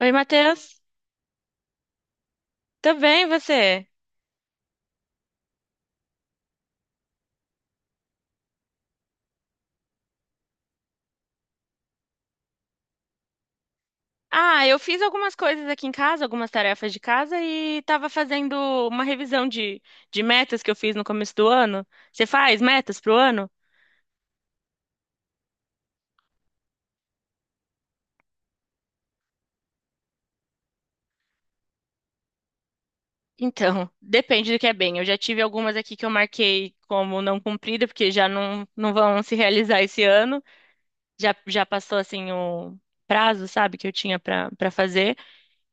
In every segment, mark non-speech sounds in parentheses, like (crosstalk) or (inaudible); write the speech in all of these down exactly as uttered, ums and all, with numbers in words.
Oi, Matheus. Tudo bem, e você? Ah, eu fiz algumas coisas aqui em casa, algumas tarefas de casa e tava fazendo uma revisão de, de metas que eu fiz no começo do ano. Você faz metas pro ano? Então, depende do que é bem. Eu já tive algumas aqui que eu marquei como não cumprida, porque já não, não vão se realizar esse ano. Já, já passou, assim, o prazo, sabe, que eu tinha pra para fazer.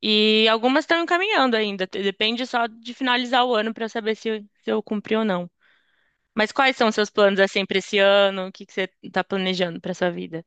E algumas estão encaminhando ainda. Depende só de finalizar o ano pra eu saber se, se eu cumpri ou não. Mas quais são os seus planos assim para esse ano? O que que você está planejando para sua vida?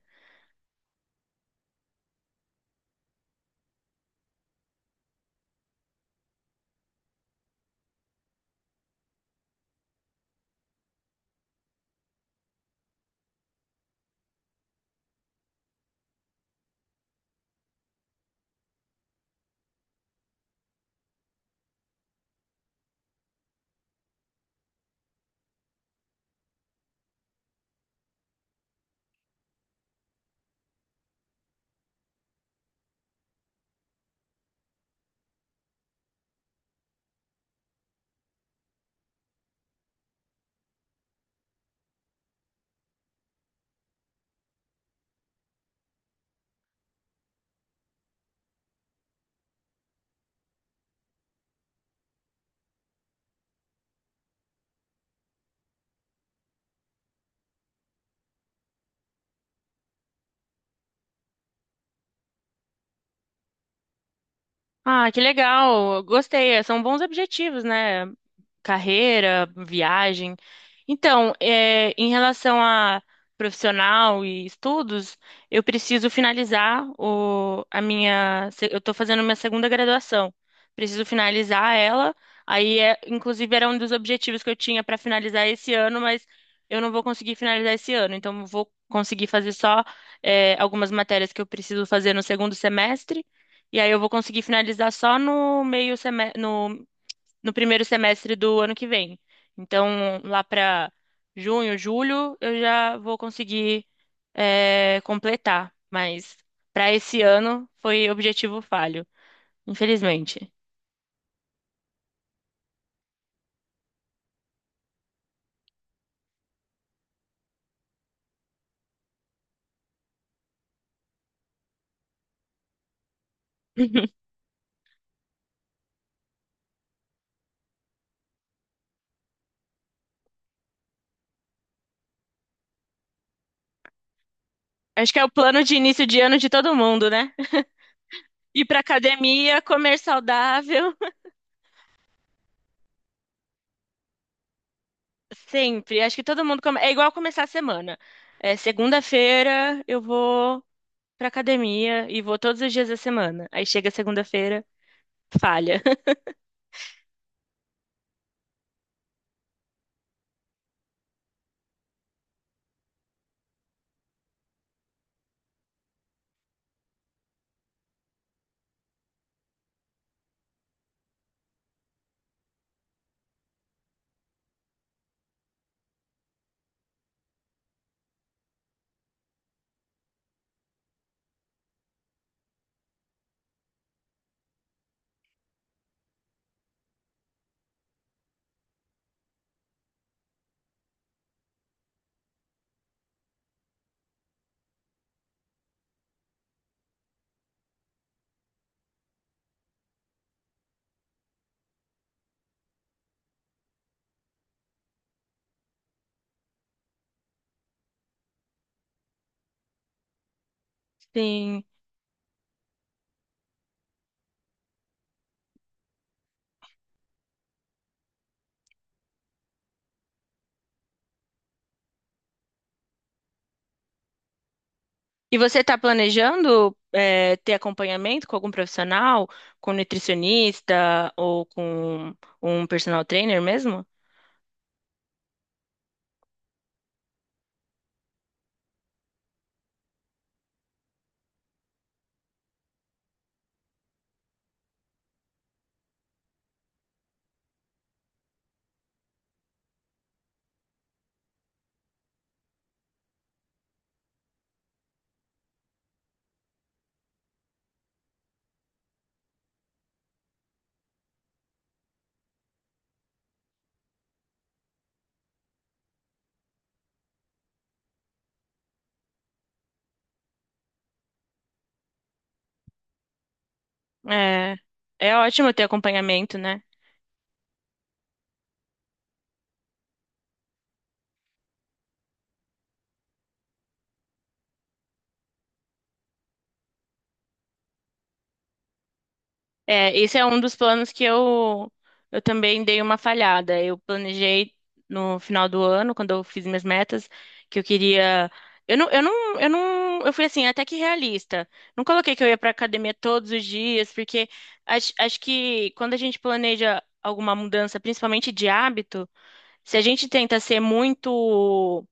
Ah, que legal! Gostei. São bons objetivos, né? Carreira, viagem. Então, é, em relação a profissional e estudos, eu preciso finalizar o, a minha. se- Eu estou fazendo minha segunda graduação. Preciso finalizar ela. Aí, é, inclusive, era um dos objetivos que eu tinha para finalizar esse ano, mas eu não vou conseguir finalizar esse ano. Então, eu vou conseguir fazer só, é, algumas matérias que eu preciso fazer no segundo semestre. E aí, eu vou conseguir finalizar só no meio semestre, no primeiro semestre do ano que vem. Então, lá para junho, julho, eu já vou conseguir, é, completar. Mas para esse ano foi objetivo falho, infelizmente. (laughs) Acho que é o plano de início de ano de todo mundo, né? Ir pra academia, comer saudável. (laughs) Sempre. Acho que todo mundo come... é igual começar a semana. É, segunda-feira eu vou pra academia e vou todos os dias da semana. Aí chega segunda-feira, falha. (laughs) Sim. E você está planejando eh, ter acompanhamento com algum profissional, com nutricionista ou com um personal trainer mesmo? É, é ótimo ter acompanhamento, né? É, esse é um dos planos que eu, eu também dei uma falhada. Eu planejei no final do ano, quando eu fiz minhas metas, que eu queria. Eu não, eu não, eu não, eu fui assim, até que realista. Não coloquei que eu ia pra academia todos os dias, porque acho, acho que quando a gente planeja alguma mudança, principalmente de hábito, se a gente tenta ser muito,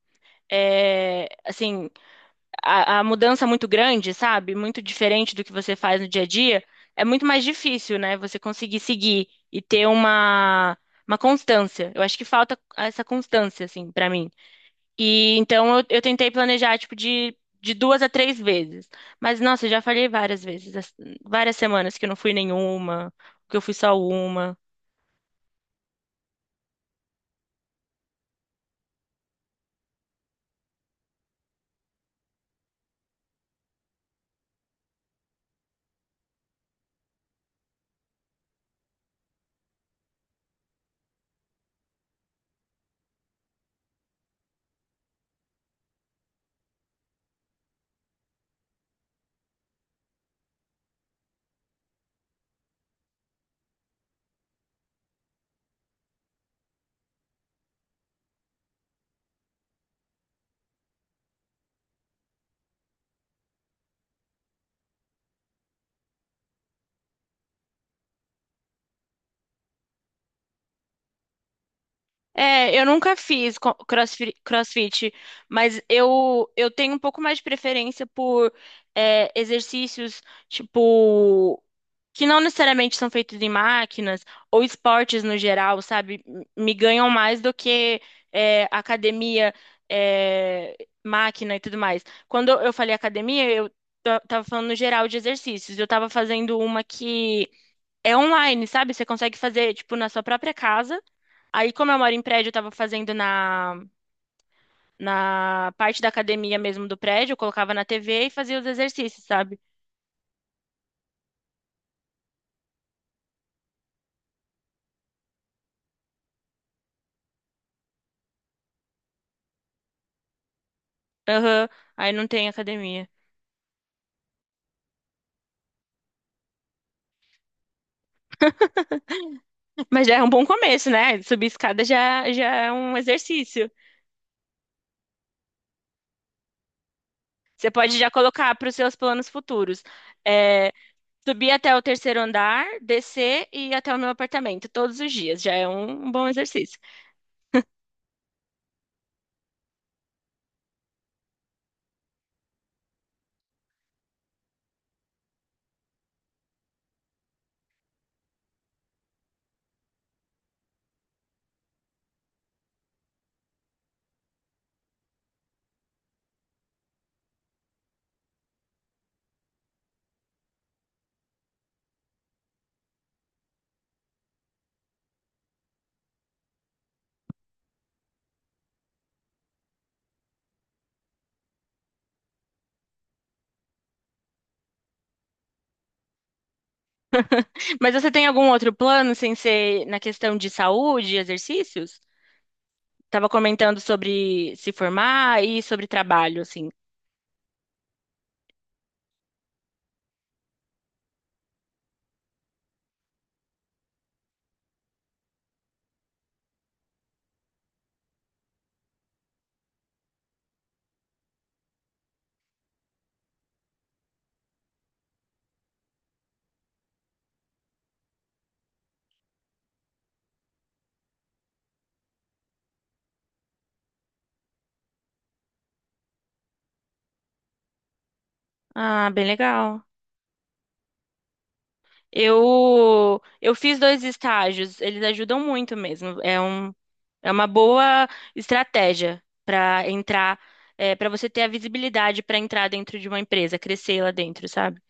é, assim a, a mudança muito grande, sabe? Muito diferente do que você faz no dia a dia, é muito mais difícil, né? Você conseguir seguir e ter uma, uma constância. Eu acho que falta essa constância, assim, pra mim. E então eu, eu tentei planejar, tipo, de, de duas a três vezes. Mas, nossa, eu já falhei várias vezes, as- várias semanas que eu não fui nenhuma, que eu fui só uma. É, eu nunca fiz co- crossfit, crossfit, mas eu, eu tenho um pouco mais de preferência por é, exercícios, tipo, que não necessariamente são feitos em máquinas, ou esportes no geral, sabe? M- Me ganham mais do que é, academia, é, máquina e tudo mais. Quando eu falei academia, eu ta- tava falando no geral de exercícios. Eu tava fazendo uma que é online, sabe? Você consegue fazer, tipo, na sua própria casa. Aí, como eu moro em prédio, eu tava fazendo na, na parte da academia mesmo do prédio, eu colocava na T V e fazia os exercícios, sabe? Aham, aí não tem academia. Mas já é um bom começo, né? Subir escada já, já é um exercício. Você pode já colocar para os seus planos futuros. É, subir até o terceiro andar, descer e ir até o meu apartamento todos os dias. Já é um um bom exercício. Mas você tem algum outro plano sem ser na questão de saúde, e exercícios? Tava comentando sobre se formar e sobre trabalho, assim. Ah, bem legal. Eu eu fiz dois estágios, eles ajudam muito mesmo. É um é uma boa estratégia para entrar, é, para você ter a visibilidade para entrar dentro de uma empresa, crescer lá dentro, sabe?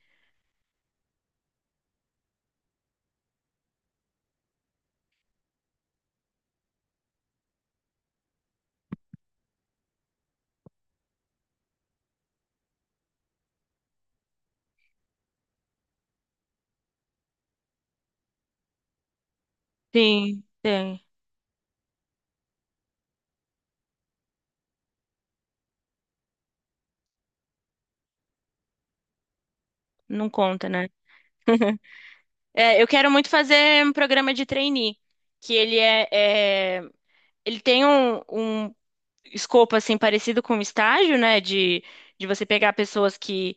Sim, tem. Não conta, né? É, eu quero muito fazer um programa de trainee, que ele é, é ele tem um, um escopo assim parecido com o estágio, né? De, de você pegar pessoas que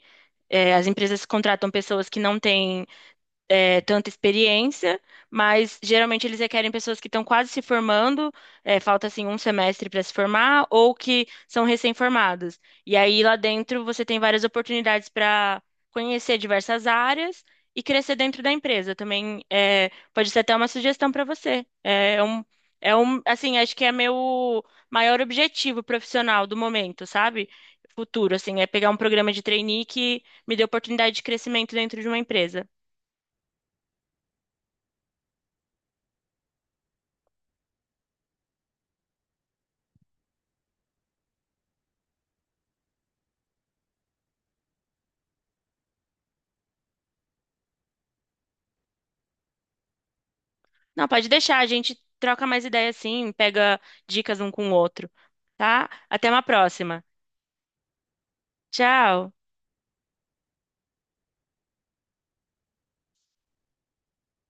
é, as empresas contratam pessoas que não têm é, tanta experiência, mas geralmente eles requerem pessoas que estão quase se formando, é, falta assim um semestre para se formar, ou que são recém-formados. E aí lá dentro você tem várias oportunidades para conhecer diversas áreas e crescer dentro da empresa. Também é, pode ser até uma sugestão para você. É é um, é um, assim, acho que é meu maior objetivo profissional do momento, sabe? Futuro, assim, é pegar um programa de trainee que me dê oportunidade de crescimento dentro de uma empresa. Não, pode deixar, a gente troca mais ideia assim, pega dicas um com o outro, tá? Até uma próxima. Tchau.